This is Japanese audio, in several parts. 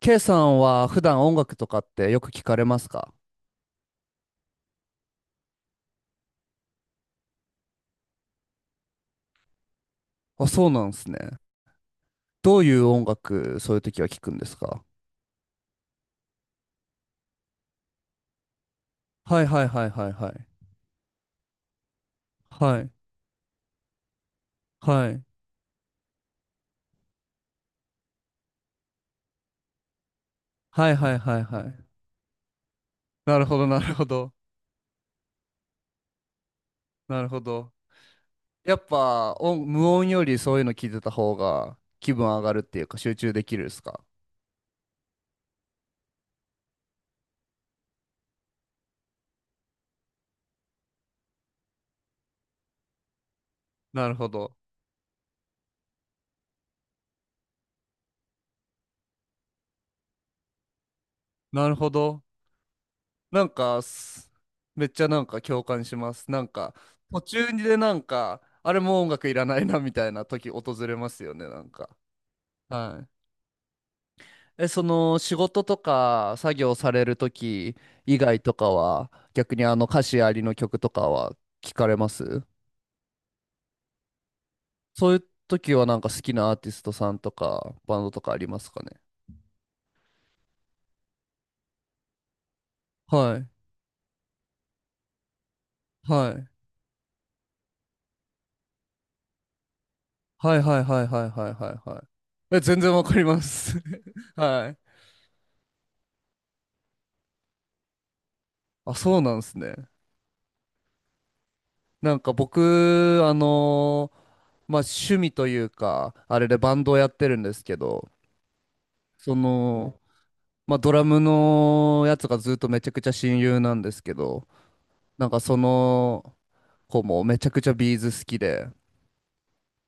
K さんは普段音楽とかってよく聞かれますか？あ、そうなんですね。どういう音楽、そういう時は聞くんですか？はいはいはいはいはい。はい。はい。はいはいはいはい。なるほどなるほど。なるほど。やっぱ音、無音よりそういうの聞いてた方が気分上がるっていうか集中できるですか？なるほど。なるほど。なんか、すめっちゃなんか共感します。なんか、途中でなんか、あれもう音楽いらないなみたいな時訪れますよね、なんか。はい。え、その仕事とか作業される時以外とかは、逆にあの歌詞ありの曲とかは聞かれます？そういう時はなんか好きなアーティストさんとかバンドとかありますかね？はい。はい。はいはいはいはいはいはいはい。え、全然わかります。はい。あ、そうなんですね。なんか僕、まあ、趣味というか、あれでバンドをやってるんですけど、その、まあ、ドラムのやつがずっとめちゃくちゃ親友なんですけど、なんかその子もめちゃくちゃビーズ好きで、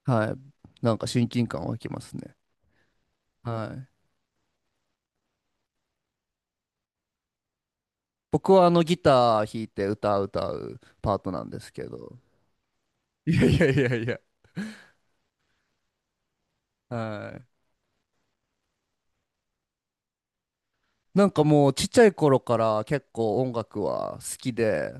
はい、なんか親近感湧きますね。はい。僕はあのギター弾いて歌うパートなんですけど、いやいやいやいや、はい。なんかもうちっちゃい頃から結構音楽は好きで、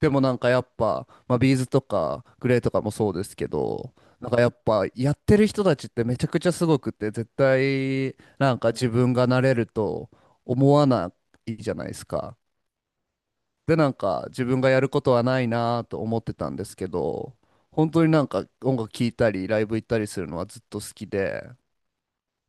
でもなんかやっぱ、まあ、ビーズとかグレーとかもそうですけど、なんかやっぱやってる人たちってめちゃくちゃすごくて、絶対なんか自分がなれると思わないじゃないですか。で、なんか自分がやることはないなと思ってたんですけど、本当になんか音楽聴いたりライブ行ったりするのはずっと好きで、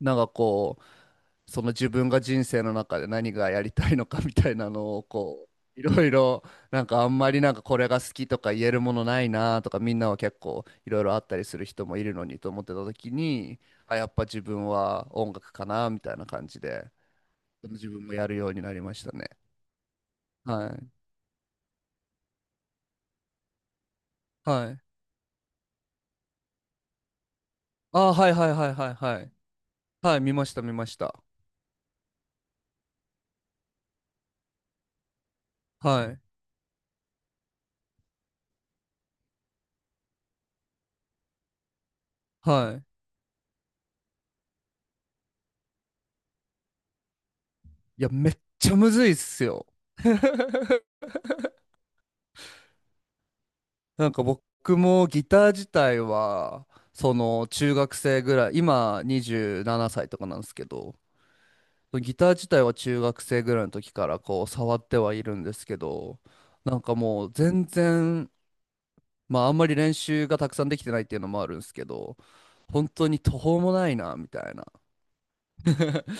なんかこう、その自分が人生の中で何がやりたいのかみたいなのをこういろいろ、なんかあんまりなんかこれが好きとか言えるものないなとか、みんなは結構いろいろあったりする人もいるのにと思ってた時に、あやっぱ自分は音楽かなみたいな感じで自分もやるようになりましたね。はい。はい。あーはいはいはいはいはいはい。見ました見ました。はい。はい。いやめっちゃむずいっすよ。 なんか僕もギター自体はその中学生ぐらい、今27歳とかなんですけど、ギター自体は中学生ぐらいの時からこう触ってはいるんですけど、なんかもう全然、まああんまり練習がたくさんできてないっていうのもあるんですけど、本当に途方もないなみたいな。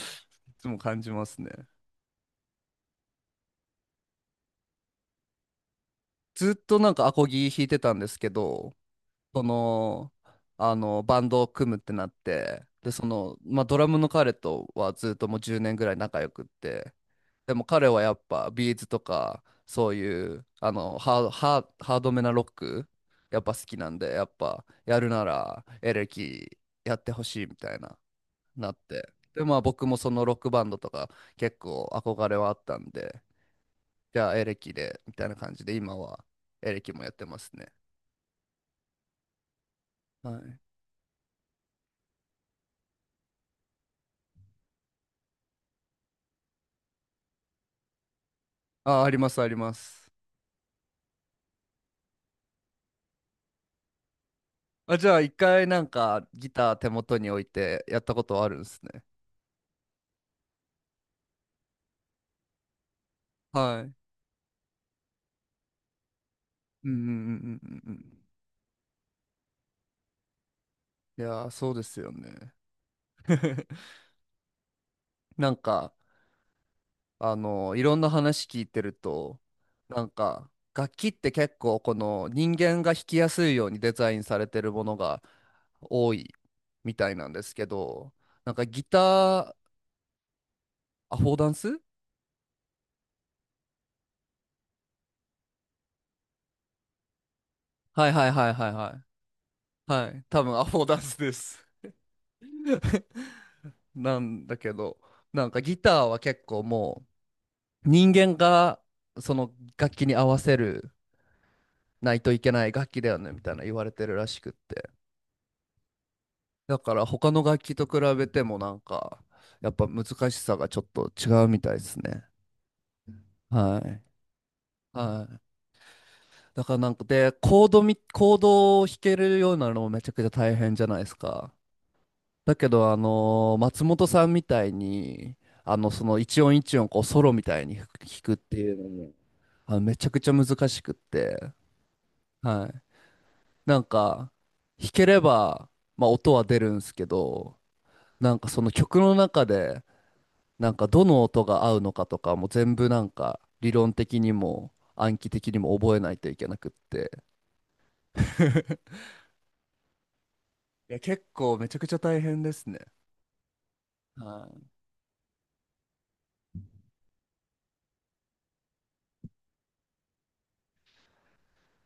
いつも感じますね。ずっとなんかアコギ弾いてたんですけど、その、あの、バンドを組むってなって、で、その、まあ、ドラムの彼とはずっともう10年ぐらい仲良くって、でも彼はやっぱビーズとか、そういう、あの、ハードめなロック、やっぱ好きなんで、やっぱやるならエレキやってほしいみたいな、なって。で、まあ僕もそのロックバンドとか結構憧れはあったんで、じゃあエレキで、みたいな感じで、今はエレキもやってますね。はい。あ、あります、あります。あ、じゃあ一回なんかギター手元に置いてやったことあるんですね。はい。うんうんうんうんうんうん。いやー、そうですよね。なんか、あの、いろんな話聞いてると、なんか、楽器って結構この人間が弾きやすいようにデザインされてるものが多いみたいなんですけど、なんかギター、アフォーダンス。はいはいはいはいはい。はい。多分アフォーダンスです。なんだけど、なんかギターは結構もう人間がその楽器に合わせるないといけない楽器だよねみたいな言われてるらしくって。だから他の楽器と比べてもなんかやっぱ難しさがちょっと違うみたいですね。はい。はい。だからなんかで、コードを弾けるようになるのもめちゃくちゃ大変じゃないですか。だけど、あのー松本さんみたいに、あの、その一音一音、こう、ソロみたいに弾くっていうのも、あの、めちゃくちゃ難しくって、はい。なんか、弾ければ、まあ、音は出るんですけど、なんかその曲の中で、なんかどの音が合うのかとかも全部なんか、理論的にも暗記的にも覚えないといけなくって、いや、結構めちゃくちゃ大変ですね。はい。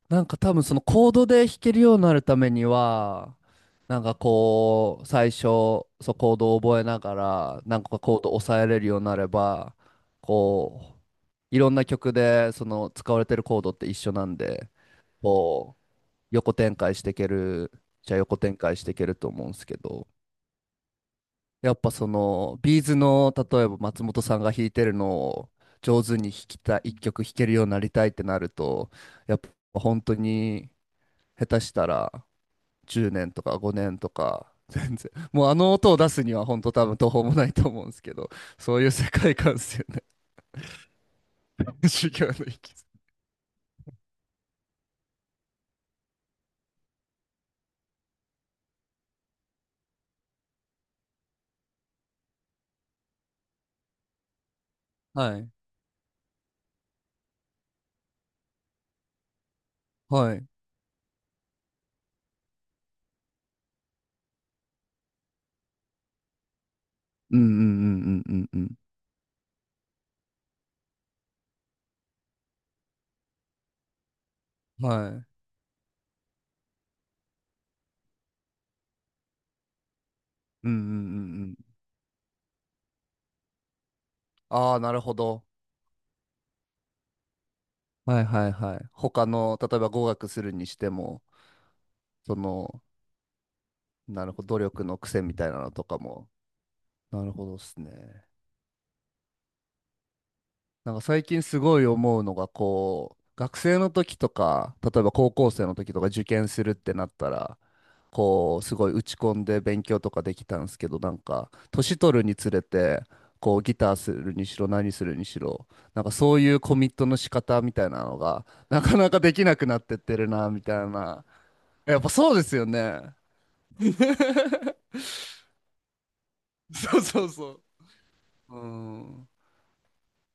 なんか多分そのコードで弾けるようになるためには、なんかこう、最初、そうコードを覚えながら、なんかコードを抑えれるようになれば、こう、いろんな曲でその使われてるコードって一緒なんで、こう、横展開していける、じゃあ横展開していけると思うんですけど、やっぱその、ビーズの、例えば松本さんが弾いてるのを上手に弾きたい、一曲弾けるようになりたいってなると、やっぱ本当に、下手したら10年とか5年とか、全然。もうあの音を出すには本当多分途方もないと思うんですけど、そういう世界観ですよね。修行の域。はい。はい。うんうんうんうんうんうん。はい。うんうんうんうん。ああ、なるほど。はいはいはい。他の、例えば語学するにしても、その、なるほど、努力の癖みたいなのとかも。なるほどですね。なんか最近すごい思うのが、こう学生の時とか例えば高校生の時とか受験するってなったらこうすごい打ち込んで勉強とかできたんですけど、なんか年取るにつれてこうギターするにしろ何するにしろ、なんかそういうコミットの仕方みたいなのがなかなかできなくなってってるなみたいな。やっぱそうですよね。 そうそう。うん。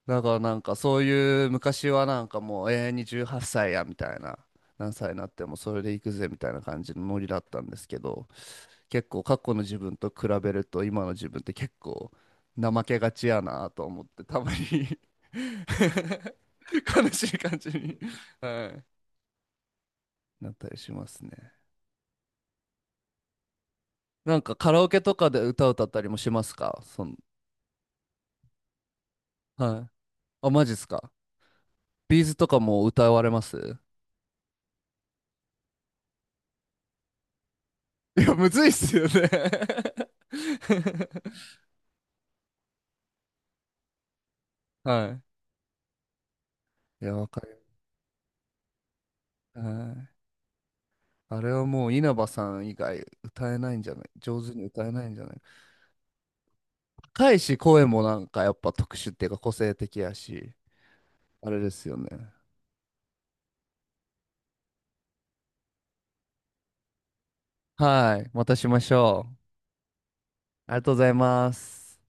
だからなんかそういう、昔はなんかもう永遠に18歳やみたいな、何歳になってもそれで行くぜみたいな感じのノリだったんですけど、結構過去の自分と比べると今の自分って結構怠けがちやなと思ってたまに。 悲しい感じに、はい、なったりしますね。なんかカラオケとかで歌歌ったりもしますか、その。はい。あマジっすか。ビーズとかも歌われます？いやむずいっすよね。 はい。いや、わかる。はい。あれはもう稲葉さん以外歌えないんじゃない、上手に歌えないんじゃない。高いし、声もなんかやっぱ特殊っていうか個性的やし、あれですよね。はい。またしましょう。ありがとうございます。